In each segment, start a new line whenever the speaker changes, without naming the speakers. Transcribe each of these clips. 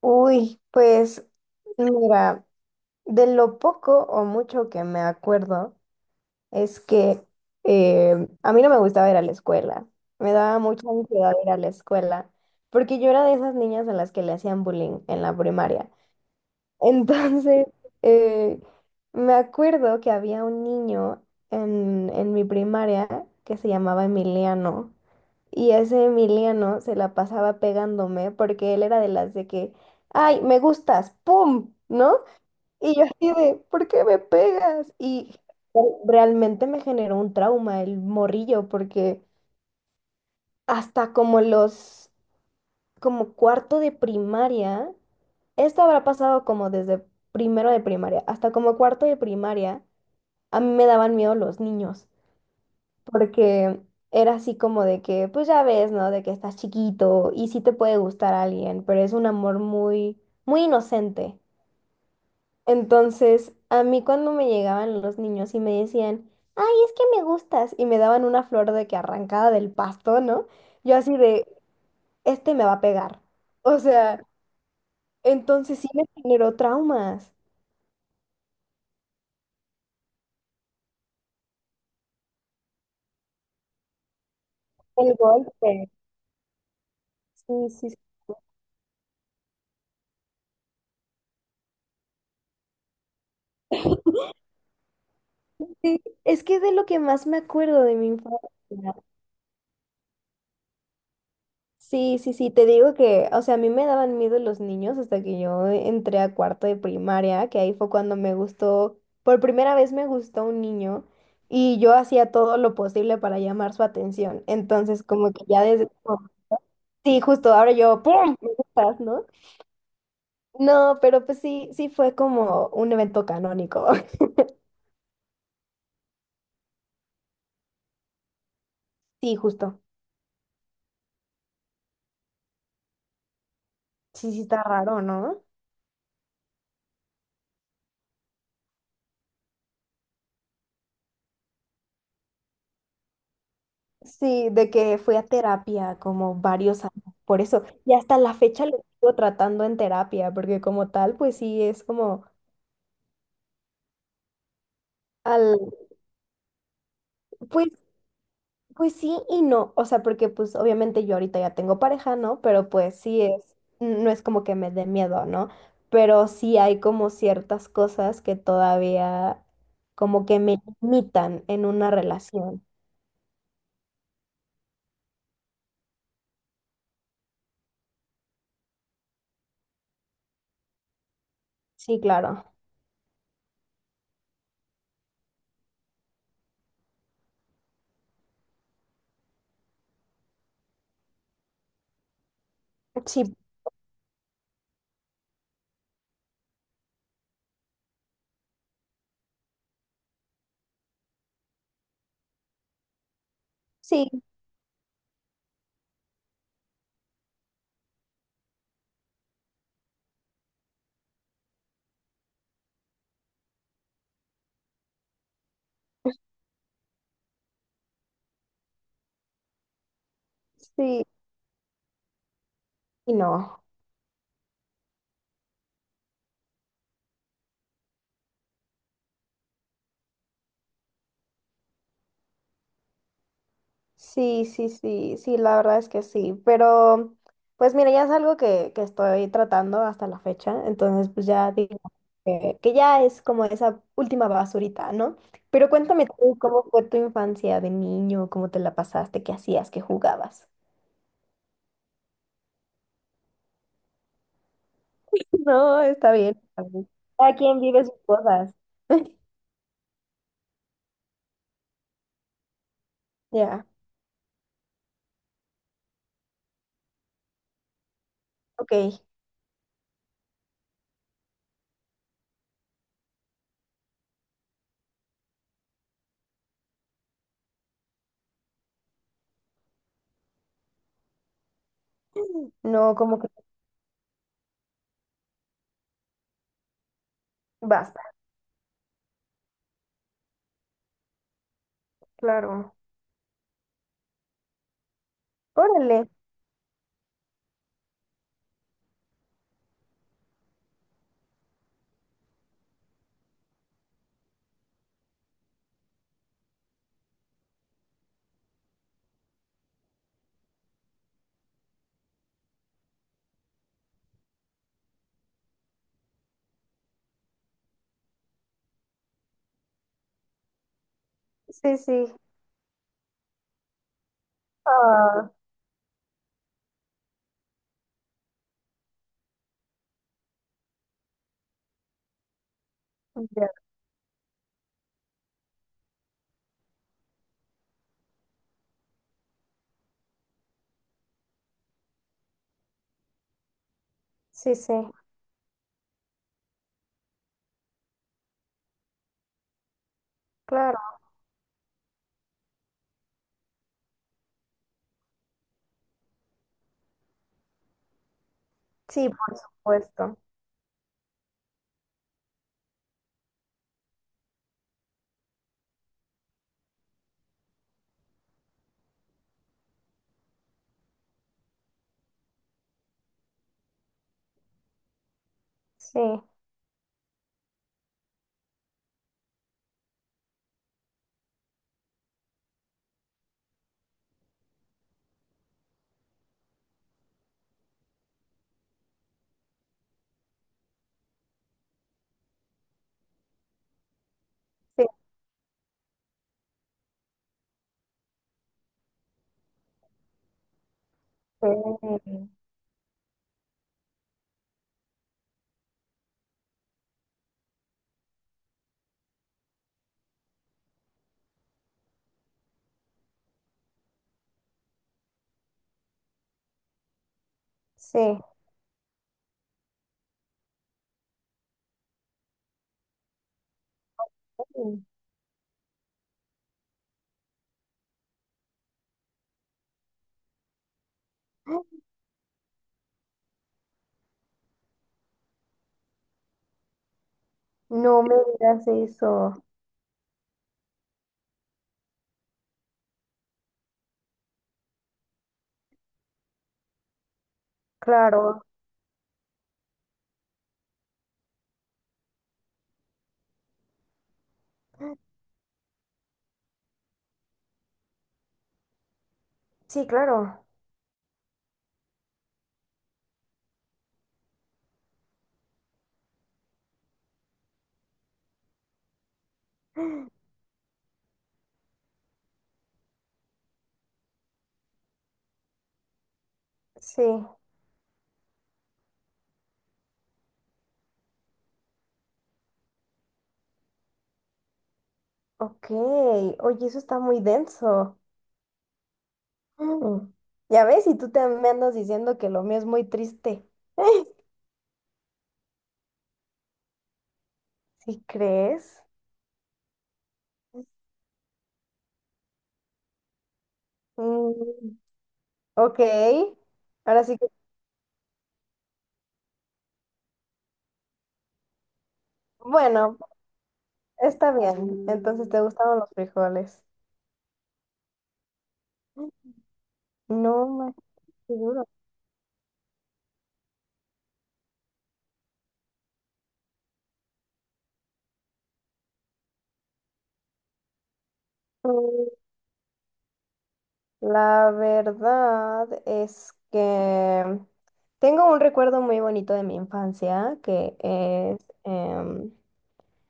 Uy, pues mira, de lo poco o mucho que me acuerdo es que a mí no me gustaba ir a la escuela. Me daba mucha ansiedad ir a la escuela porque yo era de esas niñas a las que le hacían bullying en la primaria. Entonces, eh, me acuerdo que había un niño en mi primaria que se llamaba Emiliano. Y ese Emiliano se la pasaba pegándome porque él era de las de que, ay, me gustas, ¡pum! ¿No? Y yo así de, ¿por qué me pegas? Y realmente me generó un trauma el morrillo porque hasta como los como cuarto de primaria. Esto habrá pasado como desde primero de primaria hasta como cuarto de primaria. A mí me daban miedo los niños, porque era así como de que, pues ya ves, ¿no? De que estás chiquito y sí te puede gustar a alguien, pero es un amor muy, muy inocente. Entonces, a mí cuando me llegaban los niños y me decían, ay, es que me gustas, y me daban una flor de que arrancada del pasto, ¿no? Yo así de, este me va a pegar. O sea, entonces sí me generó traumas. El golpe. Sí, sí, sí. Sí, es que es de lo que más me acuerdo de mi infancia. Sí, sí, sí, te digo que, o sea, a mí me daban miedo los niños hasta que yo entré a cuarto de primaria, que ahí fue cuando me gustó, por primera vez me gustó un niño y yo hacía todo lo posible para llamar su atención. Entonces, como que ya desde... como, sí, justo ahora yo, ¡pum! Me gustas, ¿no? No, pero pues sí, sí fue como un evento canónico. Sí, justo. Sí, sí, está raro, ¿no? Sí, de que fui a terapia como varios años, por eso. Y hasta la fecha lo sigo tratando en terapia, porque como tal, pues sí, es como al, pues, pues sí y no. O sea, porque pues obviamente yo ahorita ya tengo pareja, ¿no? Pero pues sí es, no es como que me dé miedo, ¿no? Pero sí hay como ciertas cosas que todavía como que me limitan en una relación. Sí, claro. Sí, sí, sí y no. Sí, sí, sí, sí, la verdad es que sí, pero pues mira, ya es algo que estoy tratando hasta la fecha, entonces pues ya digo que ya es como esa última basurita, ¿no? Pero cuéntame tú, ¿cómo fue tu infancia de niño? ¿Cómo te la pasaste? ¿Qué hacías? ¿Qué jugabas? No, está bien. Está bien. Cada quien vive sus cosas. Ya, ok. No, como que basta. Claro. Órale. Sí, sí. Ah, ya. Sí, sí, claro. Sí, por supuesto. Sí, sí, sí. Sí. No me digas eso. Claro. Sí, claro. Sí. Ok. Oye, eso está muy denso. Mm. Ya ves, y tú te me andas diciendo que lo mío es muy triste. ¿Sí crees? Mm, ok. Ahora sí que, bueno, está bien. Entonces te gustaron los frijoles. No más seguro. La verdad es que tengo un recuerdo muy bonito de mi infancia, que es, em,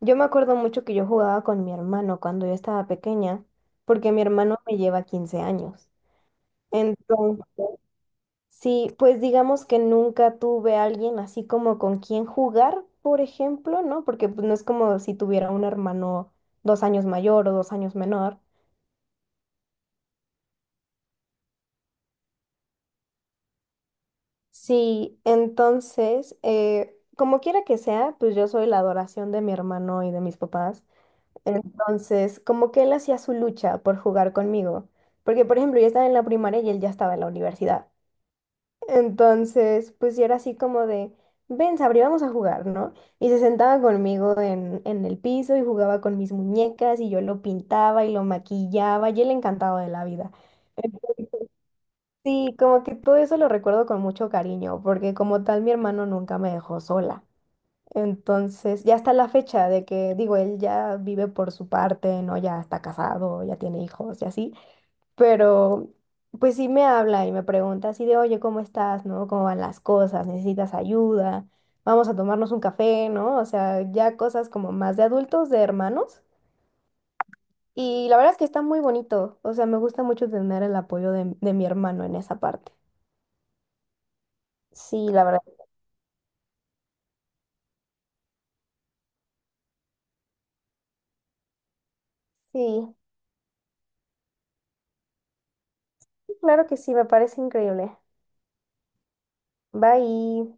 yo me acuerdo mucho que yo jugaba con mi hermano cuando yo estaba pequeña, porque mi hermano me lleva 15 años. Entonces, sí, pues digamos que nunca tuve a alguien así como con quien jugar, por ejemplo, ¿no? Porque pues, no es como si tuviera un hermano 2 años mayor o 2 años menor. Sí, entonces, como quiera que sea, pues yo soy la adoración de mi hermano y de mis papás. Entonces, como que él hacía su lucha por jugar conmigo. Porque, por ejemplo, yo estaba en la primaria y él ya estaba en la universidad. Entonces, pues yo era así como de, ven, Sabri, vamos a jugar, ¿no? Y se sentaba conmigo en el piso y jugaba con mis muñecas y yo lo pintaba y lo maquillaba y él encantado de la vida. Sí, como que todo eso lo recuerdo con mucho cariño, porque como tal mi hermano nunca me dejó sola. Entonces, ya hasta la fecha de que, digo, él ya vive por su parte, ¿no? Ya está casado, ya tiene hijos y así, pero pues sí me habla y me pregunta así de, oye, ¿cómo estás? ¿No? ¿Cómo van las cosas? ¿Necesitas ayuda? Vamos a tomarnos un café, ¿no? O sea, ya cosas como más de adultos, de hermanos. Y la verdad es que está muy bonito, o sea, me gusta mucho tener el apoyo de mi hermano en esa parte. Sí, la verdad. Sí, claro que sí, me parece increíble. Bye.